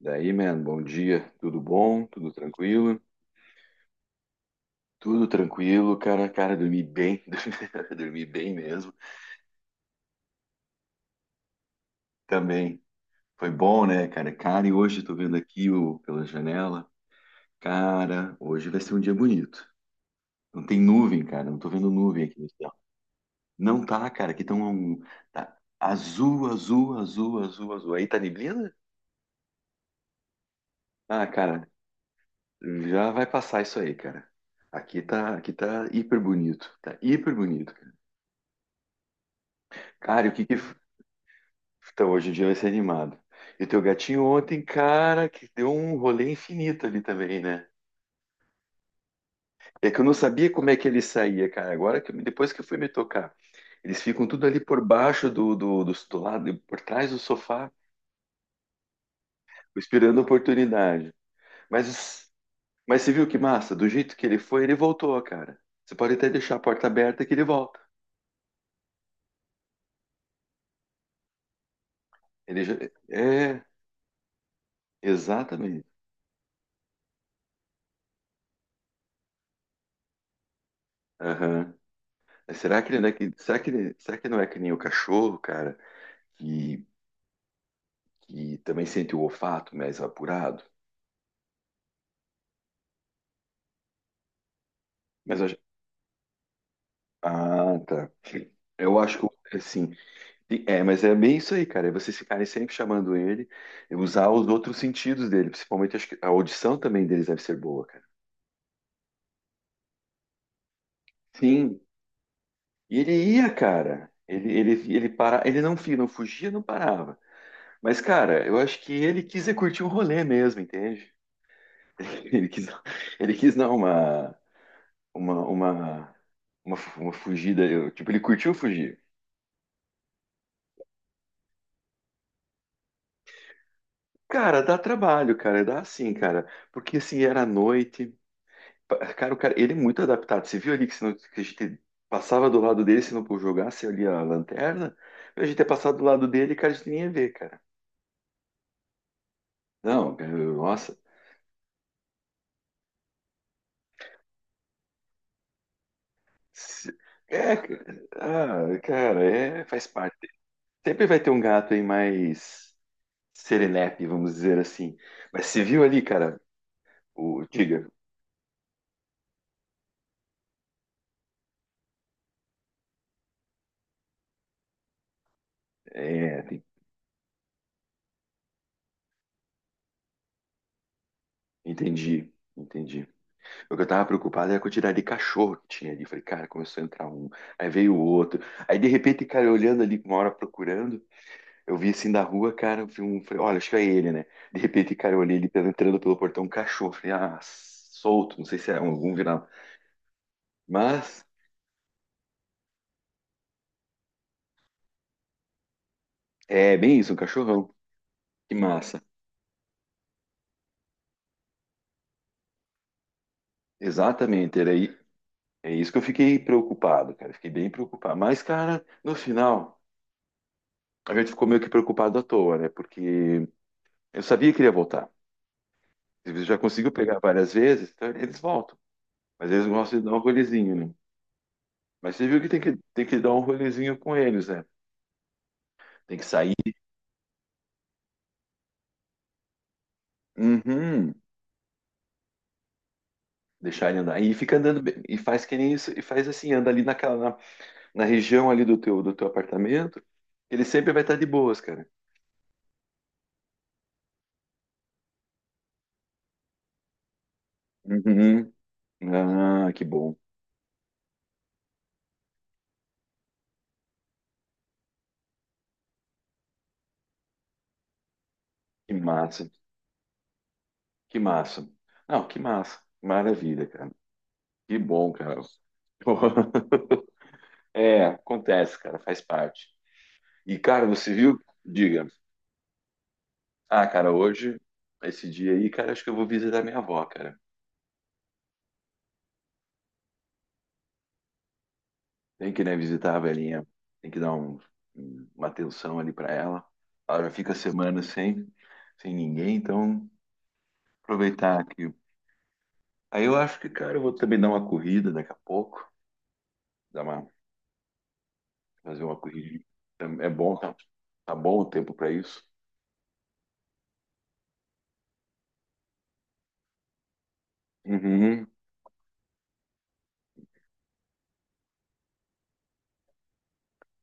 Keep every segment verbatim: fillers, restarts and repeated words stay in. Daí, man, bom dia. Tudo bom? Tudo tranquilo? Tudo tranquilo, cara. Cara, dormi bem. Dormi bem mesmo. Também. Foi bom, né, cara? Cara, e hoje tô vendo aqui o, pela janela. Cara, hoje vai ser um dia bonito. Não tem nuvem, cara. Não tô vendo nuvem aqui no céu. Não tá, cara. Aqui tão, um- tá azul, azul, azul, azul, azul. Aí tá neblina? Ah, cara, já vai passar isso aí, cara. Aqui tá, aqui tá hiper bonito. Tá hiper bonito, cara. Cara, e o que que Então, hoje o dia vai ser animado. E teu gatinho ontem, cara, que deu um rolê infinito ali também, né? É que eu não sabia como é que ele saía, cara. Agora que eu- depois que eu fui me tocar, eles ficam tudo ali por baixo do, do, do, do lado, por trás do sofá, esperando a oportunidade. Mas, mas você viu que massa? Do jeito que ele foi, ele voltou, cara. Você pode até deixar a porta aberta que ele volta. Ele já... É, exatamente. Aham. Mas será que ele não é que... Será que ele... Será que não é que nem o cachorro, cara? que que também sente o olfato mais apurado. Mas eu acho... Ah, tá. Eu acho que, assim, é, mas é bem isso aí, cara. É vocês ficarem sempre chamando ele, e usar os outros sentidos dele, principalmente acho que a audição também deles deve ser boa, cara. Sim, e ele ia, cara. Ele, ele, ele, para, ele não, fi- não fugia, não parava. Mas, cara, eu acho que ele quis é curtir um rolê mesmo, entende? Ele quis, ele quis dar uma, uma, uma, uma, fu- uma fugida. eu- tipo, ele curtiu fugir. Cara, dá trabalho, cara, dá sim, cara. Porque assim, era à noite. Pa- Cara, o cara, ele é muito adaptado. Você viu ali que, se não, que a gente passava do lado dele, se não jogasse ali a lanterna, a gente ia passar do lado dele, cara, a gente nem ia ver, cara. Não, cara, nossa. Se- É, cara, ah, cara, é, faz parte. Sempre vai ter um gato aí mais serelepe, vamos dizer assim. Mas você viu ali, cara, o Tiga? É, tem- entendi, entendi. O que eu tava preocupado era com a quantidade de cachorro que tinha ali. Falei, cara, começou a entrar um, aí veio o outro. Aí de repente, cara, eu olhando ali, uma hora procurando, eu vi assim da rua, cara, eu vi um, falei, olha, acho que é ele, né? De repente, cara, eu olhei ele tava entrando pelo portão, um cachorro. Falei, ah, solto, não sei se é algum viral. Mas é bem isso, um cachorrão. Que massa. Exatamente, era aí. É isso que eu fiquei preocupado, cara. Fiquei bem preocupado. Mas, cara, no final, a gente ficou meio que preocupado à toa, né? Porque eu sabia que ele ia voltar. Eles já conseguiu pegar várias vezes, então eles voltam. Mas eles gostam de dar um rolezinho, né? Mas você viu que tem que, tem que dar um rolezinho com eles, né? Tem que sair, uhum, deixar ele andar. E fica andando, bem- e faz que nem isso, e faz assim, anda ali naquela, na, na região ali do teu, do teu apartamento, ele sempre vai estar de boas, cara. Uhum. Ah, que bom. Que massa. Que massa. Não, que massa. Maravilha, cara. Que bom, cara. É, acontece, cara, faz parte. E, cara, você viu? Diga. Ah, cara, hoje, esse dia aí, cara, acho que eu vou visitar minha avó, cara. Tem que, né, visitar a velhinha. Tem que dar um- um- uma atenção ali pra ela. Ela já fica semana sem, sem ninguém, então aproveitar aqui. Aí eu acho que, cara, eu vou também dar uma corrida daqui a pouco. Dar uma, fazer uma corrida. É bom, tá, tá bom o tempo pra isso. Uhum.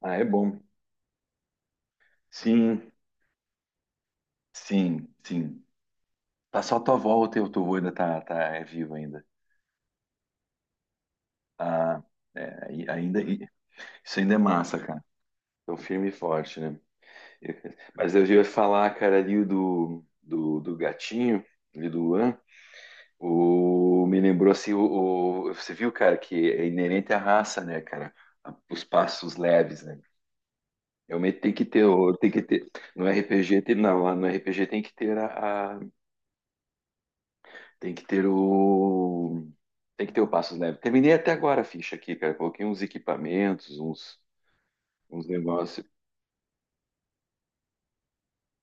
Ah, é bom. Sim, sim, sim. Tá só tua avó ou teu, teu avô ainda tá, tá, é vivo ainda? Ah, é, aí- ainda, e- isso ainda é massa, cara. Então, firme e forte, né? Eu- mas eu ia falar, cara, ali do, do, do gatinho, ali do Luan, o, me lembrou assim, o, o- você viu, cara, que é inerente à raça, né, cara? A- Os passos leves, né? Realmente tem que ter, o- tem que ter, no R P G tem, não, lá no R P G tem que ter a, a- tem que ter o, tem que ter o passos leves. Terminei até agora a ficha aqui, cara, coloquei uns equipamentos, uns, uns negócios.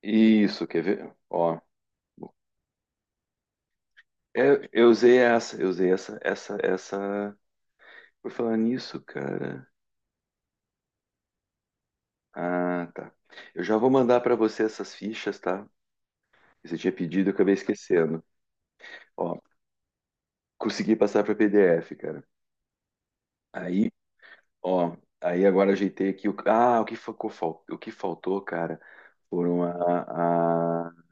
Isso, quer ver? Ó, é, eu usei essa, eu usei essa, essa, essa. Por falar nisso, cara. Ah, tá. Eu já vou mandar para você essas fichas, tá? Que você tinha pedido, eu acabei esquecendo. Ó, consegui passar para P D F, cara. Aí, ó, aí agora ajeitei aqui o. Ah, o que ficou, fal- o que faltou, cara, foram a, a...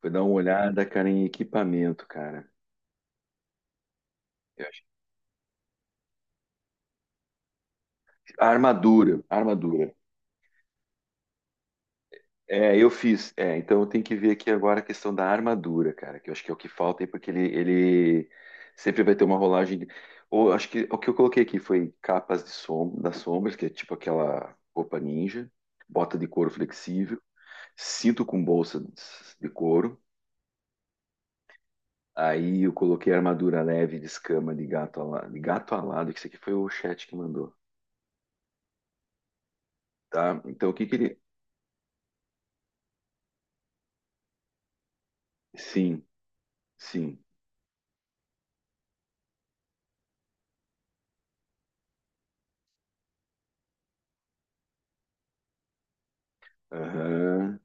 Foi dar uma olhada, cara, em equipamento, cara. Eu achei- A armadura, a armadura. É, eu fiz. É, então eu tenho que ver aqui agora a questão da armadura, cara, que eu acho que é o que falta aí, porque ele, ele sempre vai ter uma rolagem. de- Ou acho que o que eu coloquei aqui foi capas de som, das sombras, que é tipo aquela roupa ninja, bota de couro flexível, cinto com bolsa de couro. Aí eu coloquei armadura leve de escama de gato alado, de gato alado, que isso aqui foi o chat que mandou, tá? Então o que que ele. Sim, sim. Aham,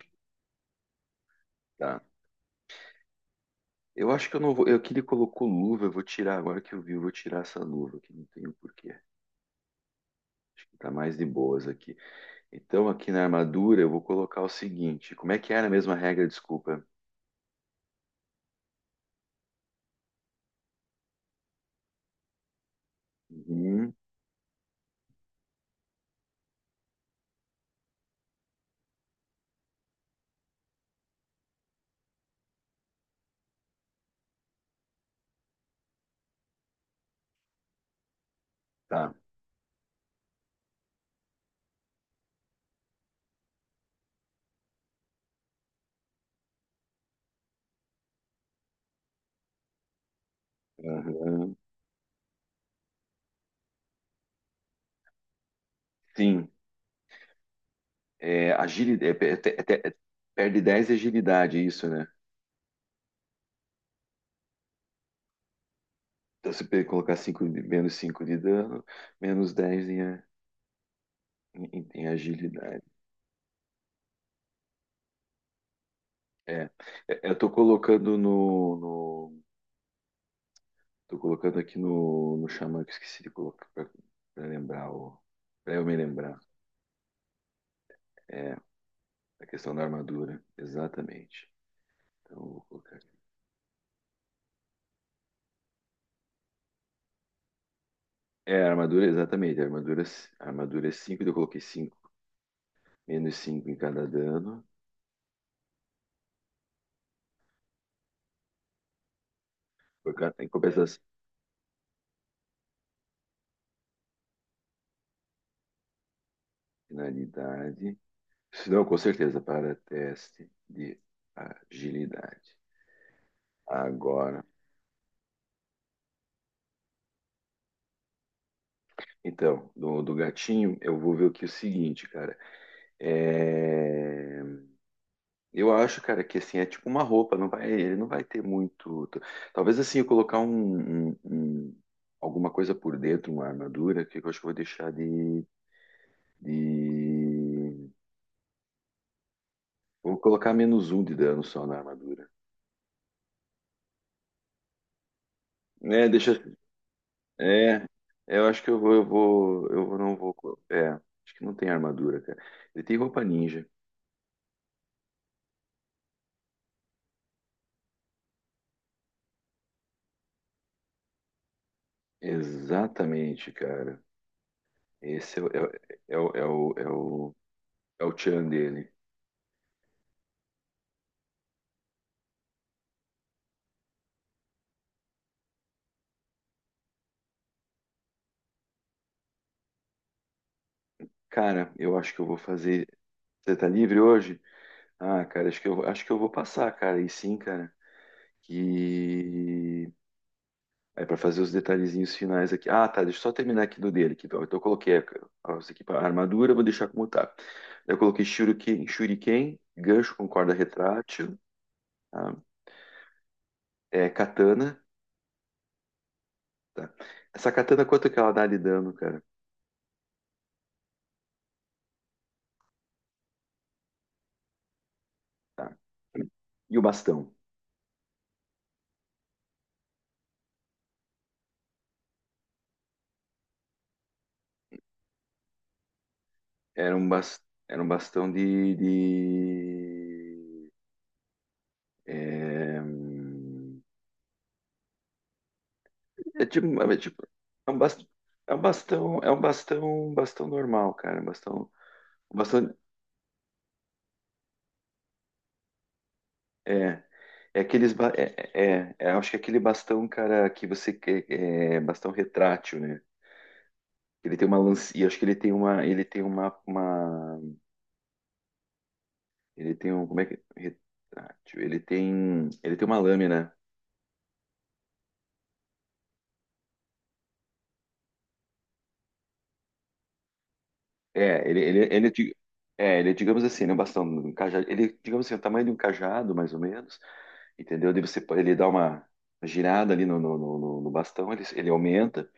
tá. Eu acho que eu não vou. Eu que ele colocou luva, eu vou tirar. Agora que eu vi, eu vou tirar essa luva que não tenho porquê. Acho que tá mais de boas aqui. Então, aqui na armadura, eu vou colocar o seguinte: como é que era a mesma regra? Desculpa. Uhum, tá. Uhum. Sim. É, agilidade, perde dez de agilidade, é isso, né? Então, se pe- colocar cinco de- menos cinco de dano, menos dez em, a- em- em agilidade. É, é, eu tô colocando no, tô colocando aqui no, no Xamã que eu esqueci de colocar pra, pra lembrar o. Pra eu me lembrar. É, a questão da armadura. Exatamente. Então eu vou colocar aqui. É, a armadura, exatamente. A armadura, a armadura é cinco, eu coloquei cinco. Menos cinco em cada dano. Por cada, em compensação, finalidade. Se não, com certeza, para teste de agilidade. Agora. Então, do, do gatinho, eu vou ver o que é o seguinte, cara. É. Eu acho, cara, que assim é tipo uma roupa, não vai, ele não vai ter muito. Talvez assim eu colocar um, um- um- alguma coisa por dentro, uma armadura, que eu acho que eu vou deixar de, de... Vou colocar menos um de dano só na armadura. É, deixa. É, é, eu acho que eu vou, eu vou, eu vou- não vou. co- É, acho que não tem armadura, cara. Ele tem roupa ninja. Exatamente, cara. Esse é, o- é, o- é, o, é o, é o é o tchan dele. Cara, eu acho que eu vou fazer. Você tá livre hoje? Ah, cara, acho que eu, acho que eu vou passar, cara. E sim, cara. Que é para fazer os detalhezinhos finais aqui. Ah, tá. Deixa eu só terminar aqui do dele. Aqui, ó. Então eu coloquei a, as equipa- a armadura, vou deixar como tá. Eu coloquei shuriken, shuriken, gancho com corda retrátil, tá? É, katana, tá? Essa katana, quanto que ela dá de dano, cara? Tá. E o bastão? Era um, bas- era um bastão de, de- é, é tipo, é tipo, é um bastão, é um bastão, é um bastão, um bastão normal, cara, um bastão, um bastão, é, é aqueles, ba- é, é, é, é, acho que é aquele bastão, cara, que você, que- é, bastão retrátil, né? Ele tem uma lance, e acho que ele tem uma, ele tem uma, uma, ele tem um, como é que, retrátil, ele tem, ele tem uma lâmina, é, ele, ele, ele, é, di- é, ele, é, digamos assim, né, um bastão, um cajado, ele, é, digamos assim, é o tamanho de um cajado, mais ou menos, entendeu? Daí você, pode- ele dá uma girada ali no, no, no- no- no bastão, ele, ele aumenta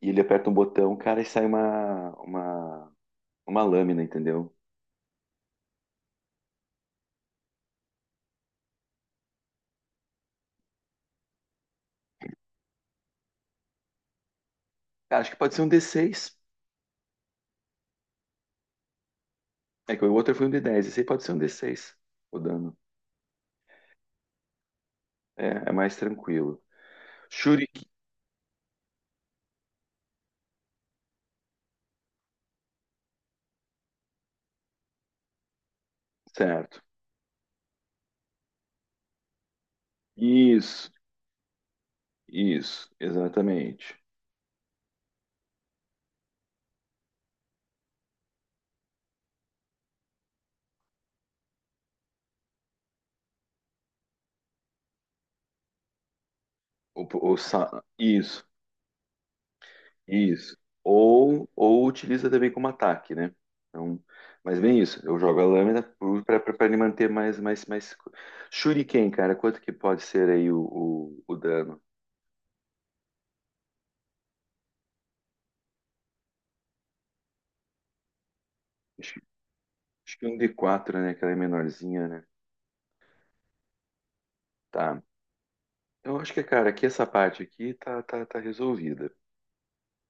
e ele aperta um botão, cara, e sai uma, uma, uma lâmina, entendeu? Cara, acho que pode ser um d seis. É que o outro foi um d dez, esse aí pode ser um d seis, o dano. É, é mais tranquilo. Shuriken, certo. Isso, isso, exatamente. O, o, sa- isso. Isso. Ou, ou utiliza também como ataque, né? Então, mas bem isso. Eu jogo a lâmina para ele manter mais, mais, mais. Shuriken, cara, quanto que pode ser aí o, o, o dano? Acho, acho que um d quatro né? Aquela é menorzinha, né? Tá. Eu acho que, cara, aqui essa parte aqui tá, tá, tá resolvida.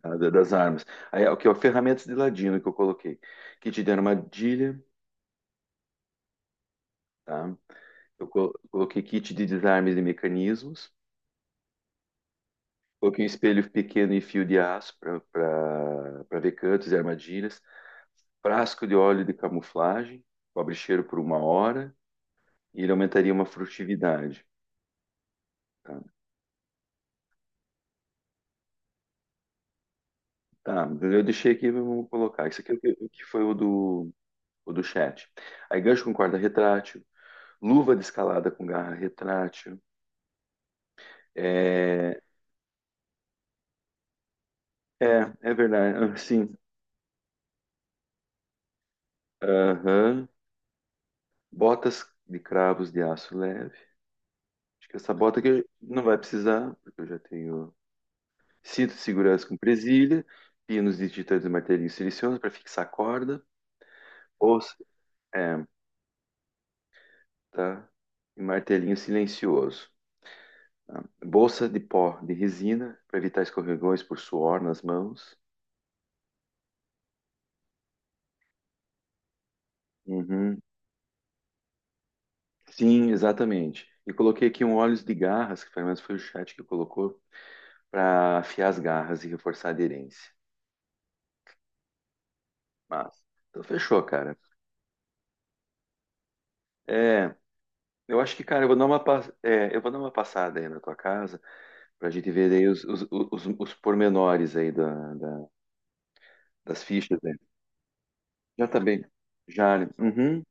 Tá? Da- Das armas. Aí, o que é ferramentas de ladino que eu coloquei. Kit de armadilha, tá? Eu co- coloquei kit de desarmes e mecanismos. Coloquei um espelho pequeno e fio de aço para ver cantos e armadilhas. Frasco de óleo de camuflagem, cobre cheiro por uma hora e ele aumentaria uma frutividade. Tá, tá, eu deixei aqui, vamos colocar. Isso aqui é o que, o que foi o do, o do chat. Aí gancho com corda retrátil, luva de escalada com garra retrátil. É, é, é verdade. Ah, sim. Aham. Botas de cravos de aço leve. Acho que essa bota aqui não vai precisar, porque eu já tenho cinto de segurança com presilha, pinos e titãs e martelinho silencioso para fixar a corda, bolsa, é, tá? E martelinho silencioso. Tá? Bolsa de pó de resina para evitar escorregões por suor nas mãos. Uhum. Sim, exatamente. E coloquei aqui um óleo de garras, que pelo menos foi o chat que colocou, para afiar as garras e reforçar a aderência. Mas, então fechou, cara. É, eu acho que, cara, eu vou dar uma, pas- é, eu vou dar uma passada aí na tua casa para a gente ver aí os, os, os, os pormenores aí da, da- das fichas, né? Já tá bem. Já, né? Uhum.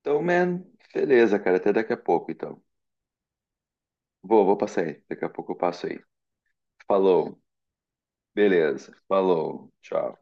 Então, man, beleza, cara. Até daqui a pouco, então. Vou, vou passar aí. Daqui a pouco eu passo aí. Falou. Beleza. Falou. Tchau.